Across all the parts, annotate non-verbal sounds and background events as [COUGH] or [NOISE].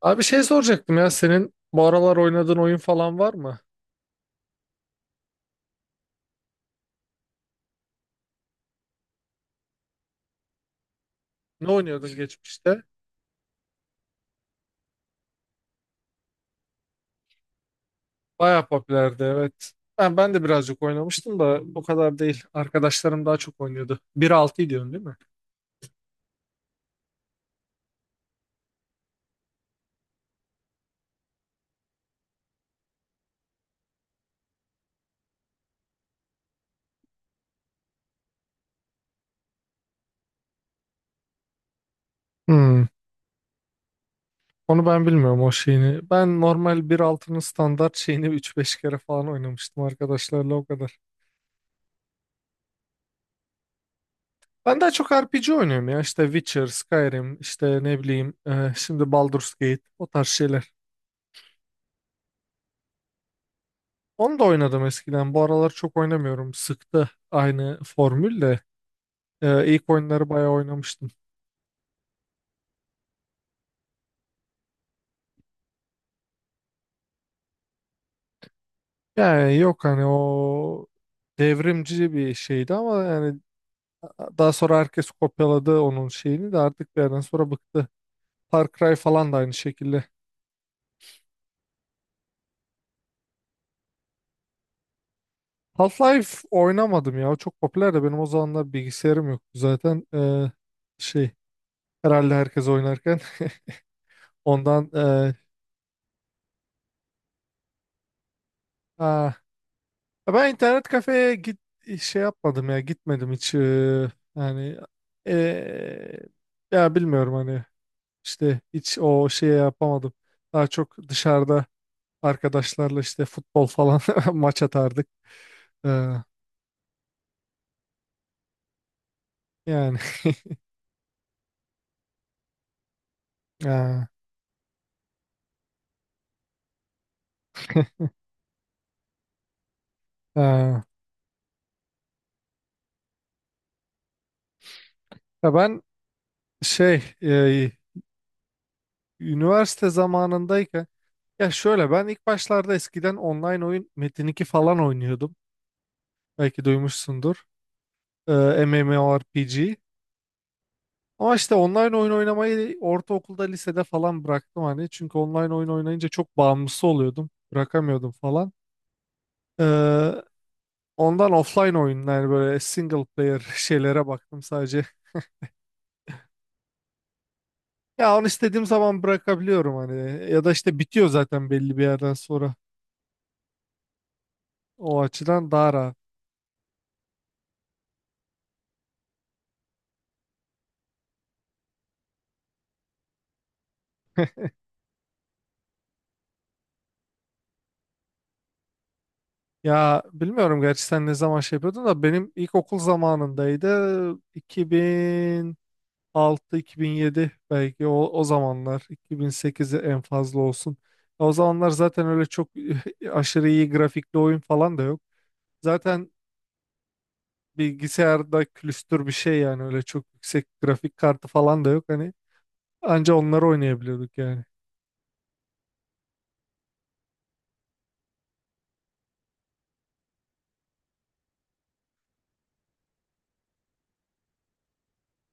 Abi şey soracaktım ya, senin bu aralar oynadığın oyun falan var mı? Ne oynuyordun geçmişte? Bayağı popülerdi, evet. Ben de birazcık oynamıştım da o kadar değil. Arkadaşlarım daha çok oynuyordu. Bir altı diyorsun, değil mi? Hmm. Onu ben bilmiyorum, o şeyini. Ben normal bir altının standart şeyini üç beş kere falan oynamıştım arkadaşlarla, o kadar. Ben daha çok RPG oynuyorum ya. İşte Witcher, Skyrim, işte ne bileyim, şimdi Baldur's Gate, o tarz şeyler. Onu da oynadım eskiden. Bu aralar çok oynamıyorum. Sıktı aynı formülle. İlk oyunları bayağı oynamıştım. Yani yok, hani o devrimci bir şeydi ama yani daha sonra herkes kopyaladı onun şeyini de artık bir yerden sonra bıktı. Far Cry falan da aynı şekilde. Half-Life oynamadım ya. O çok popüler de benim o zamanlar bilgisayarım yoktu zaten. Şey, herhalde herkes oynarken [LAUGHS] ondan, e, ha, ben internet kafeye şey yapmadım ya, gitmedim hiç, yani, eee, ya bilmiyorum, hani işte hiç o şeye yapamadım. Daha çok dışarıda arkadaşlarla işte futbol falan [LAUGHS] maç atardık. Eee, Yani. [LAUGHS] eee, eee. Ya ben şey, üniversite zamanındayken, ya şöyle, ben ilk başlarda eskiden online oyun Metin 2 falan oynuyordum. Belki duymuşsundur. MMORPG. Ama işte online oyun oynamayı ortaokulda, lisede falan bıraktım hani. Çünkü online oyun oynayınca çok bağımlısı oluyordum. Bırakamıyordum falan. Ee, Ondan offline oyunlar, böyle single player [LAUGHS] şeylere baktım sadece. Ya onu istediğim zaman bırakabiliyorum hani. Ya da işte bitiyor zaten belli bir yerden sonra. O açıdan daha rahat. Ya bilmiyorum gerçi, sen ne zaman şey yapıyordun da benim ilkokul zamanındaydı. 2000 6 2007 belki, o zamanlar, 2008'e en fazla olsun. O zamanlar zaten öyle çok [LAUGHS] aşırı iyi grafikli oyun falan da yok. Zaten bilgisayarda külüstür bir şey yani, öyle çok yüksek grafik kartı falan da yok hani, anca onları oynayabiliyorduk yani.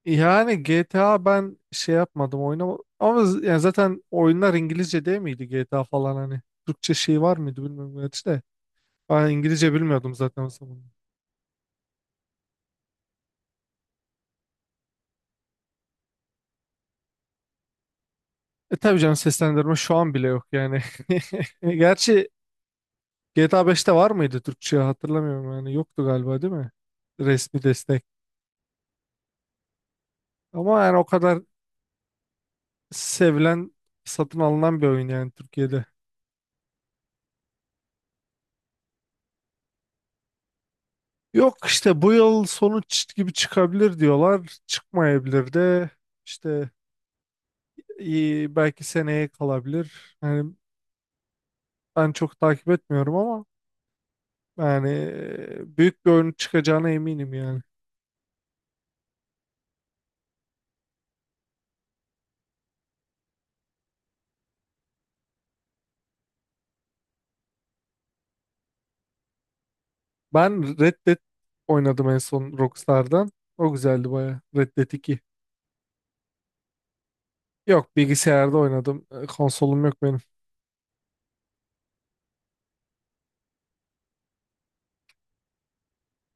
Yani GTA, ben şey yapmadım oynama, ama yani zaten oyunlar İngilizce değil miydi, GTA falan hani Türkçe şey var mıydı bilmiyorum gerçi de. Ben İngilizce bilmiyordum zaten o zaman. E tabii canım, seslendirme şu an bile yok yani. [LAUGHS] Gerçi GTA 5'te var mıydı Türkçe, hatırlamıyorum yani, yoktu galiba değil mi? Resmi destek. Ama yani o kadar sevilen, satın alınan bir oyun yani Türkiye'de. Yok işte bu yıl sonu gibi çıkabilir diyorlar. Çıkmayabilir de işte, iyi, belki seneye kalabilir. Yani ben çok takip etmiyorum ama yani büyük bir oyun çıkacağına eminim yani. Ben Red Dead oynadım en son Rockstar'dan. O güzeldi baya. Red Dead iki. Yok, bilgisayarda oynadım. Konsolum yok benim.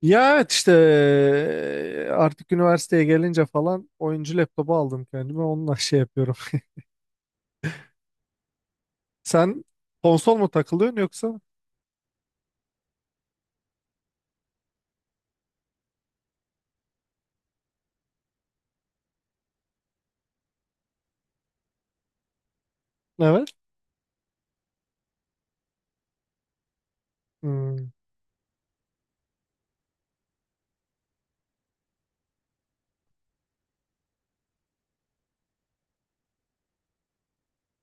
Ya evet, işte artık üniversiteye gelince falan oyuncu laptopu aldım kendime. Onunla şey yapıyorum. [LAUGHS] Sen konsol mu takılıyorsun yoksa? Evet. Hmm.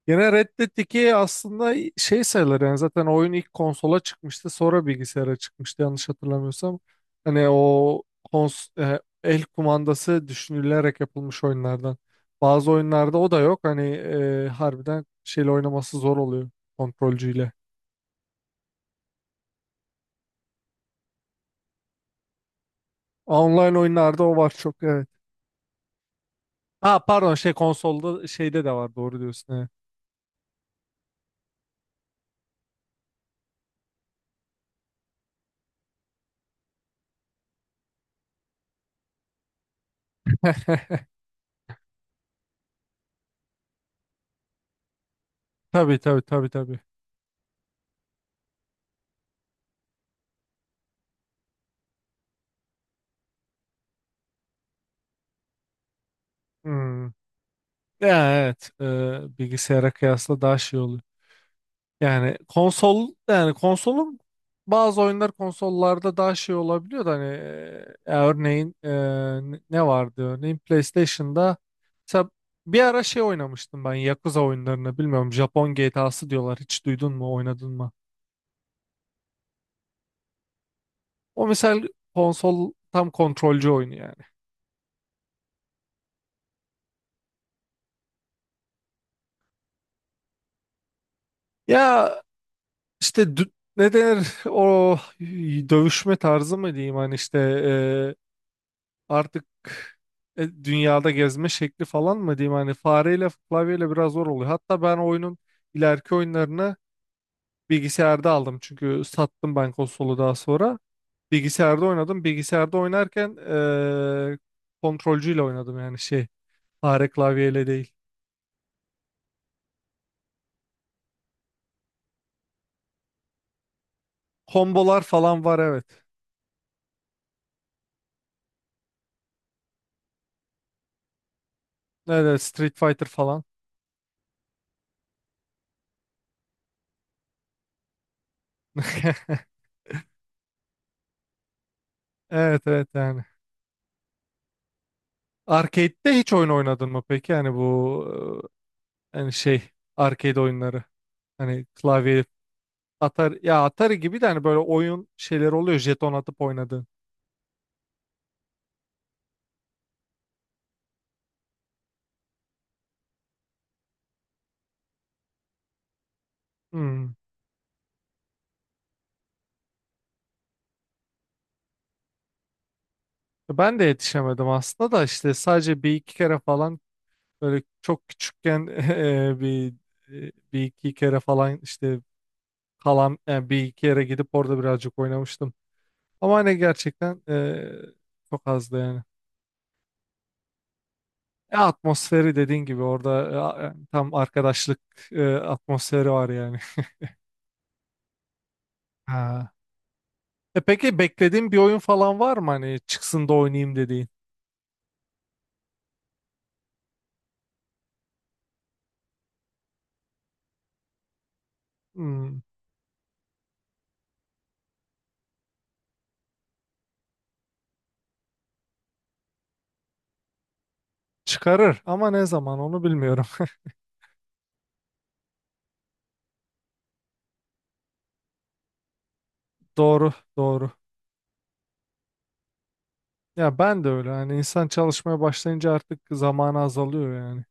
Yine Red Dead 2 aslında şey sayılır yani, zaten oyun ilk konsola çıkmıştı, sonra bilgisayara çıkmıştı yanlış hatırlamıyorsam. Hani o kons e, el kumandası düşünülerek yapılmış oyunlardan. Bazı oyunlarda o da yok hani, harbiden şeyle oynaması zor oluyor, kontrolcüyle. Online oyunlarda o var çok, evet. Ha pardon, şey, konsolda şeyde de var, doğru diyorsun. Evet. [LAUGHS] Tabii tabii tabii tabii. Hmm. Ya, evet, bilgisayara kıyasla daha şey oluyor. Yani konsol, yani konsolun bazı oyunlar konsollarda daha şey olabiliyor da hani, örneğin, ne vardı örneğin, PlayStation'da mesela bir ara şey oynamıştım, ben Yakuza oyunlarını bilmiyorum, Japon GTA'sı diyorlar, hiç duydun mu, oynadın mı? O mesela konsol tam kontrolcü oyunu yani. Ya işte ne denir, [LAUGHS] o dövüşme tarzı mı diyeyim, hani işte, artık, dünyada gezme şekli falan mı diyeyim, hani fareyle klavyeyle biraz zor oluyor. Hatta ben oyunun ileriki oyunlarını bilgisayarda aldım, çünkü sattım ben konsolu daha sonra. Bilgisayarda oynadım. Bilgisayarda oynarken e, kontrolcüyle oynadım yani, şey, fare klavyeyle değil. Kombolar falan var, evet. Evet evet, Street Fighter falan. [LAUGHS] Evet evet yani. Arcade'de hiç oyun oynadın mı peki? Yani bu, hani şey, arcade oyunları. Hani klavye, Atari, ya Atari gibi de hani, böyle oyun şeyleri oluyor jeton atıp oynadığın. Hmm. Ben de yetişemedim aslında da, işte sadece bir iki kere falan böyle çok küçükken [LAUGHS] bir iki kere falan işte kalan, yani bir iki yere gidip orada birazcık oynamıştım. Ama hani gerçekten, çok azdı yani. Atmosferi dediğin gibi orada, yani tam arkadaşlık, atmosferi var yani. [LAUGHS] Ha. Peki beklediğin bir oyun falan var mı hani, çıksın da oynayayım dediğin? Hmm. Çıkarır ama ne zaman, onu bilmiyorum. [LAUGHS] Doğru, doğru. Ya ben de öyle. Yani insan çalışmaya başlayınca artık zamanı azalıyor yani.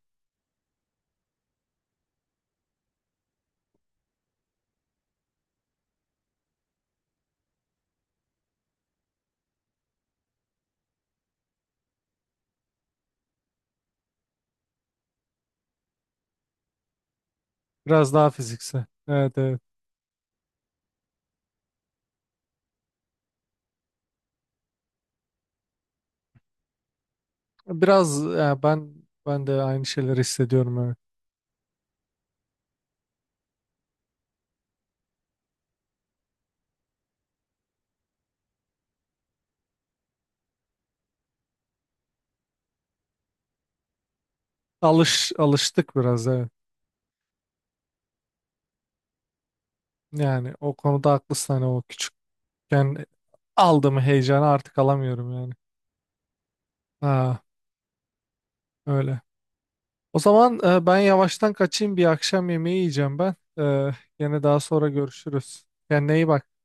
Biraz daha fiziksel. Evet, evet. Biraz ya, ben de aynı şeyleri hissediyorum, evet. Alıştık biraz, evet. Yani o konuda haklısın, hani o küçükken aldığım heyecanı artık alamıyorum yani. Ha, öyle. O zaman, ben yavaştan kaçayım, bir akşam yemeği yiyeceğim ben. Yine daha sonra görüşürüz. Kendine iyi bak.